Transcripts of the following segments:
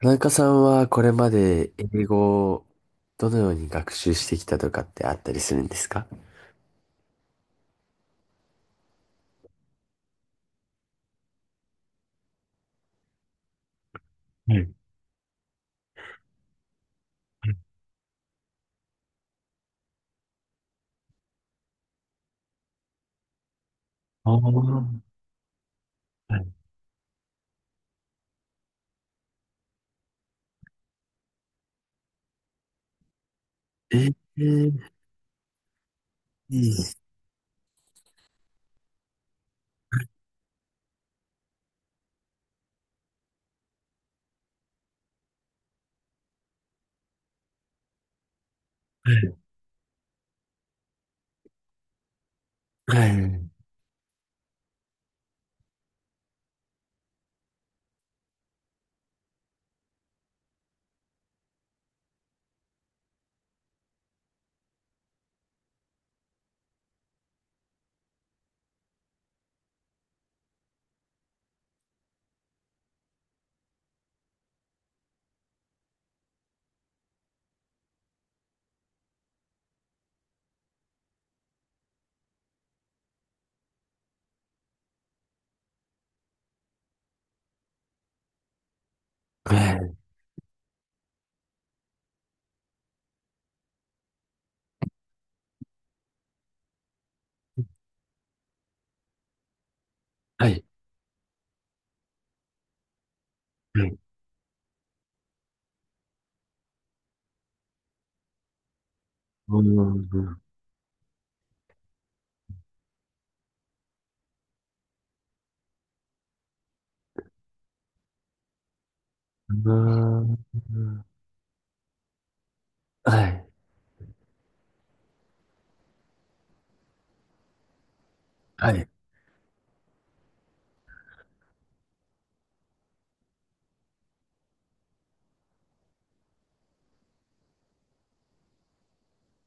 田中さんはこれまで英語をどのように学習してきたとかってあったりするんですか？はい。ああ、はい。ー、いい。はい、はい、はい、はい。はい。うん、うん、はい、はい、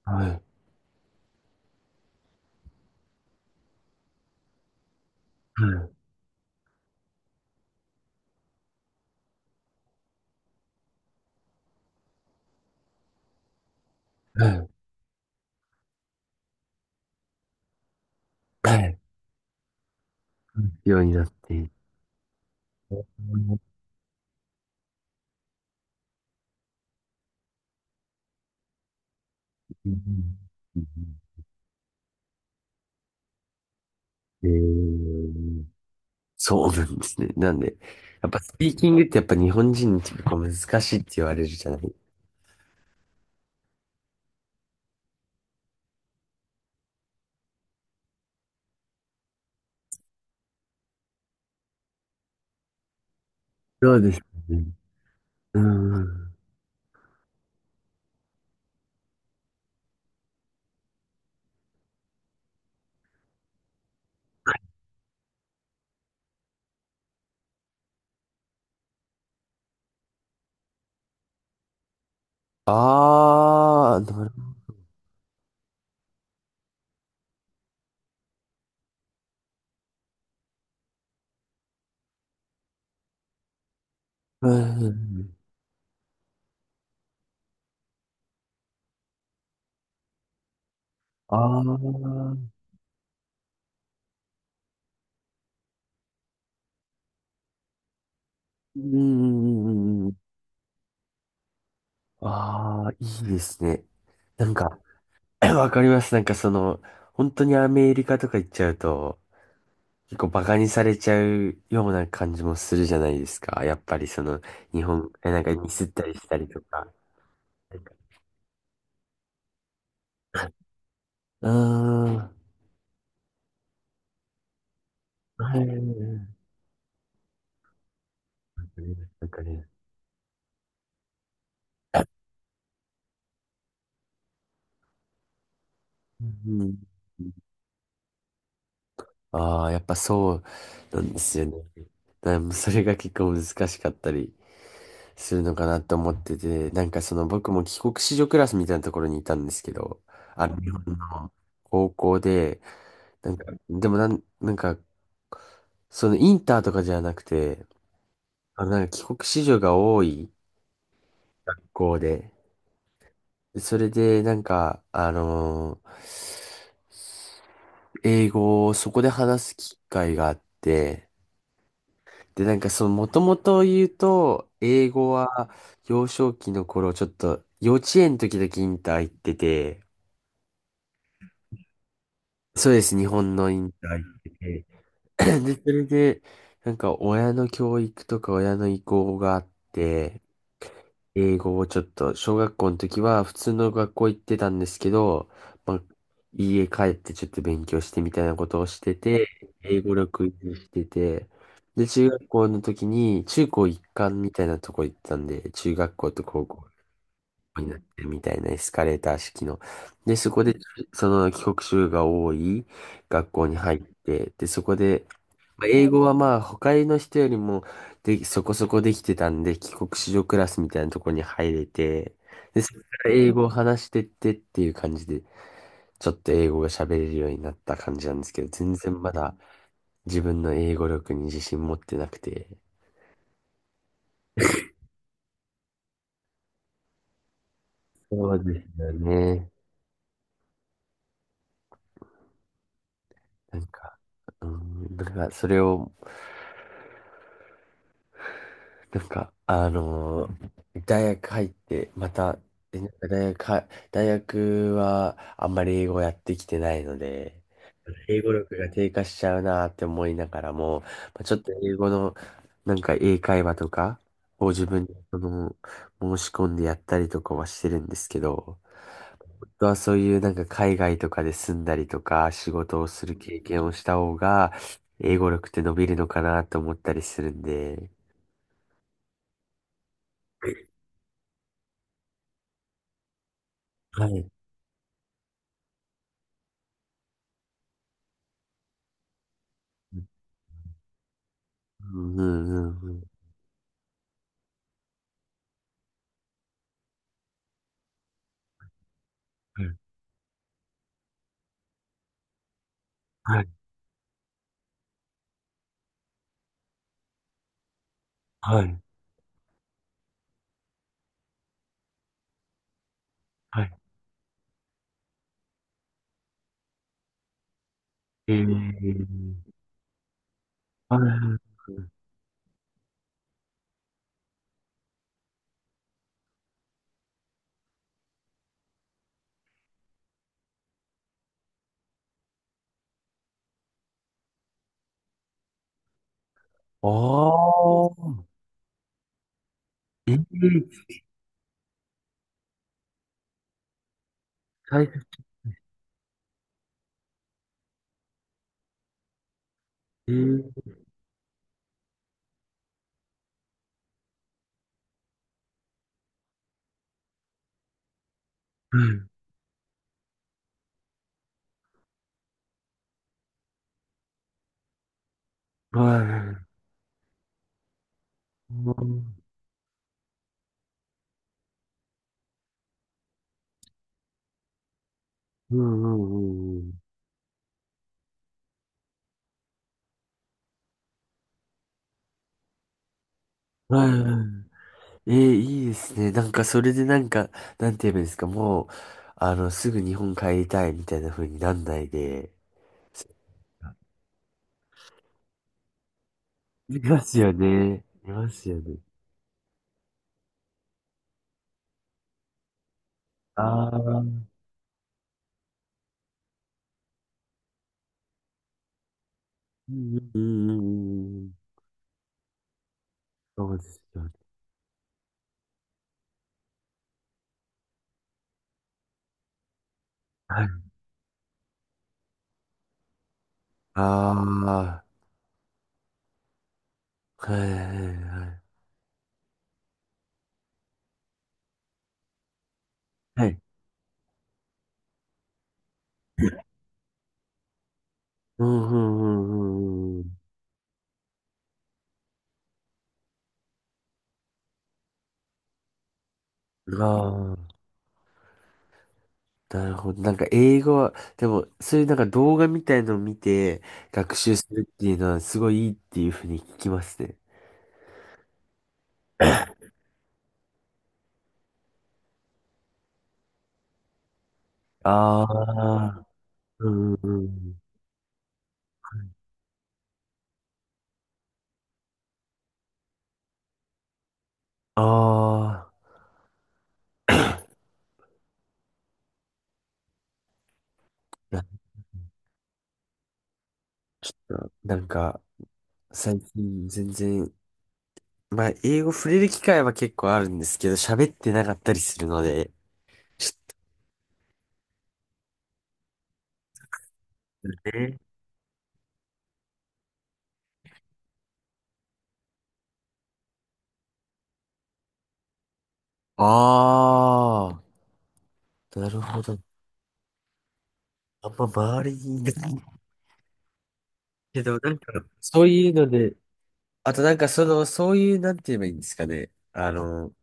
はい、はい、はい、はい。ようになって。うん。えー、そうなんですね。なんで、やっぱスピーキングってやっぱ日本人に結構難しいって言われるじゃない？そうですね。うん。ああ、なるほど。ああ、うんうんうんうん。ああ、いいですね。なんか、わかります。なんかその、本当にアメリカとか行っちゃうと、結構バカにされちゃうような感じもするじゃないですか。やっぱりその、日本、なんかミスったりしたりとか。なんか、うーん。はい。わかります。うん。ああ、やっぱそうなんですよね。だからもうそれが結構難しかったりするのかなと思ってて、なんかその僕も帰国子女クラスみたいなところにいたんですけど、あの日本の高校で、なんか、でもなんか、そのインターとかじゃなくて、なんか帰国子女が多い学校で、それでなんか、英語をそこで話す機会があって、で、なんかその、もともと言うと、英語は幼少期の頃、ちょっと幼稚園の時だけインター行ってて、そうです、日本のインター行ってて、で、それで、なんか親の教育とか親の意向があって、英語をちょっと、小学校の時は普通の学校行ってたんですけど、まあ、家帰ってちょっと勉強してみたいなことをしてて、英語力維持してて、で、中学校の時に中高一貫みたいなとこ行ったんで、中学校と高校になってるみたいなエスカレーター式の。で、そこで、その帰国子女が多い学校に入って、で、そこで、まあ英語はまあ、他の人よりも、で、そこそこできてたんで、帰国子女クラスみたいなところに入れて、で、そこから英語を話してってっていう感じで、ちょっと英語が喋れるようになった感じなんですけど、全然まだ自分の英語力に自信持ってなくて。そうですよね。なんか、うん、だからそれを、なんか、大学入って、また、でなんか大学はあんまり英語やってきてないので、英語力が低下しちゃうなって思いながらも、まあ、ちょっと英語の、なんか英会話とかを自分で申し込んでやったりとかはしてるんですけど、本当はそういうなんか海外とかで住んだりとか仕事をする経験をした方が英語力って伸びるのかなと思ったりするんで、はい。うんうんうんうん。はい、はい、はい。ええ、はい。ああ、ええ、大切、ええ、はい、はい。うんうんうんうん。はい、はい、ええ、いいですね。なんか、それでなんか、なんて言えばいいんですか、もう、すぐ日本帰りたいみたいな風になんないで、いますよね。いますよね。ああ、うんうんうんうんうん。そうですよね。ああ、はい、はい、はい。はい。うんうんうんうんうん。ああ、なるほど。なんか英語は、でも、そういうなんか動画みたいのを見て学習するっていうのはすごいいいっていうふうに聞きますね。ああ、うんうんうん。ああ、いや、ちょっと、なんか、最近全然、まあ、英語触れる機会は結構あるんですけど、喋ってなかったりするので、ちょっとね。ああ。なるほど。あんま周りにいないけど、なんか、そういうので、あとなんかその、そういう、なんて言えばいいんですかね。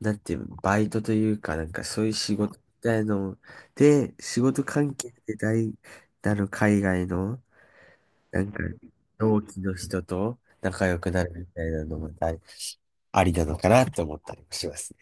なんて言うの、バイトというか、なんかそういう仕事みたいので、仕事関係で海外の、なんか、同期の人と仲良くなるみたいなのもありなのかなって思ったりもします。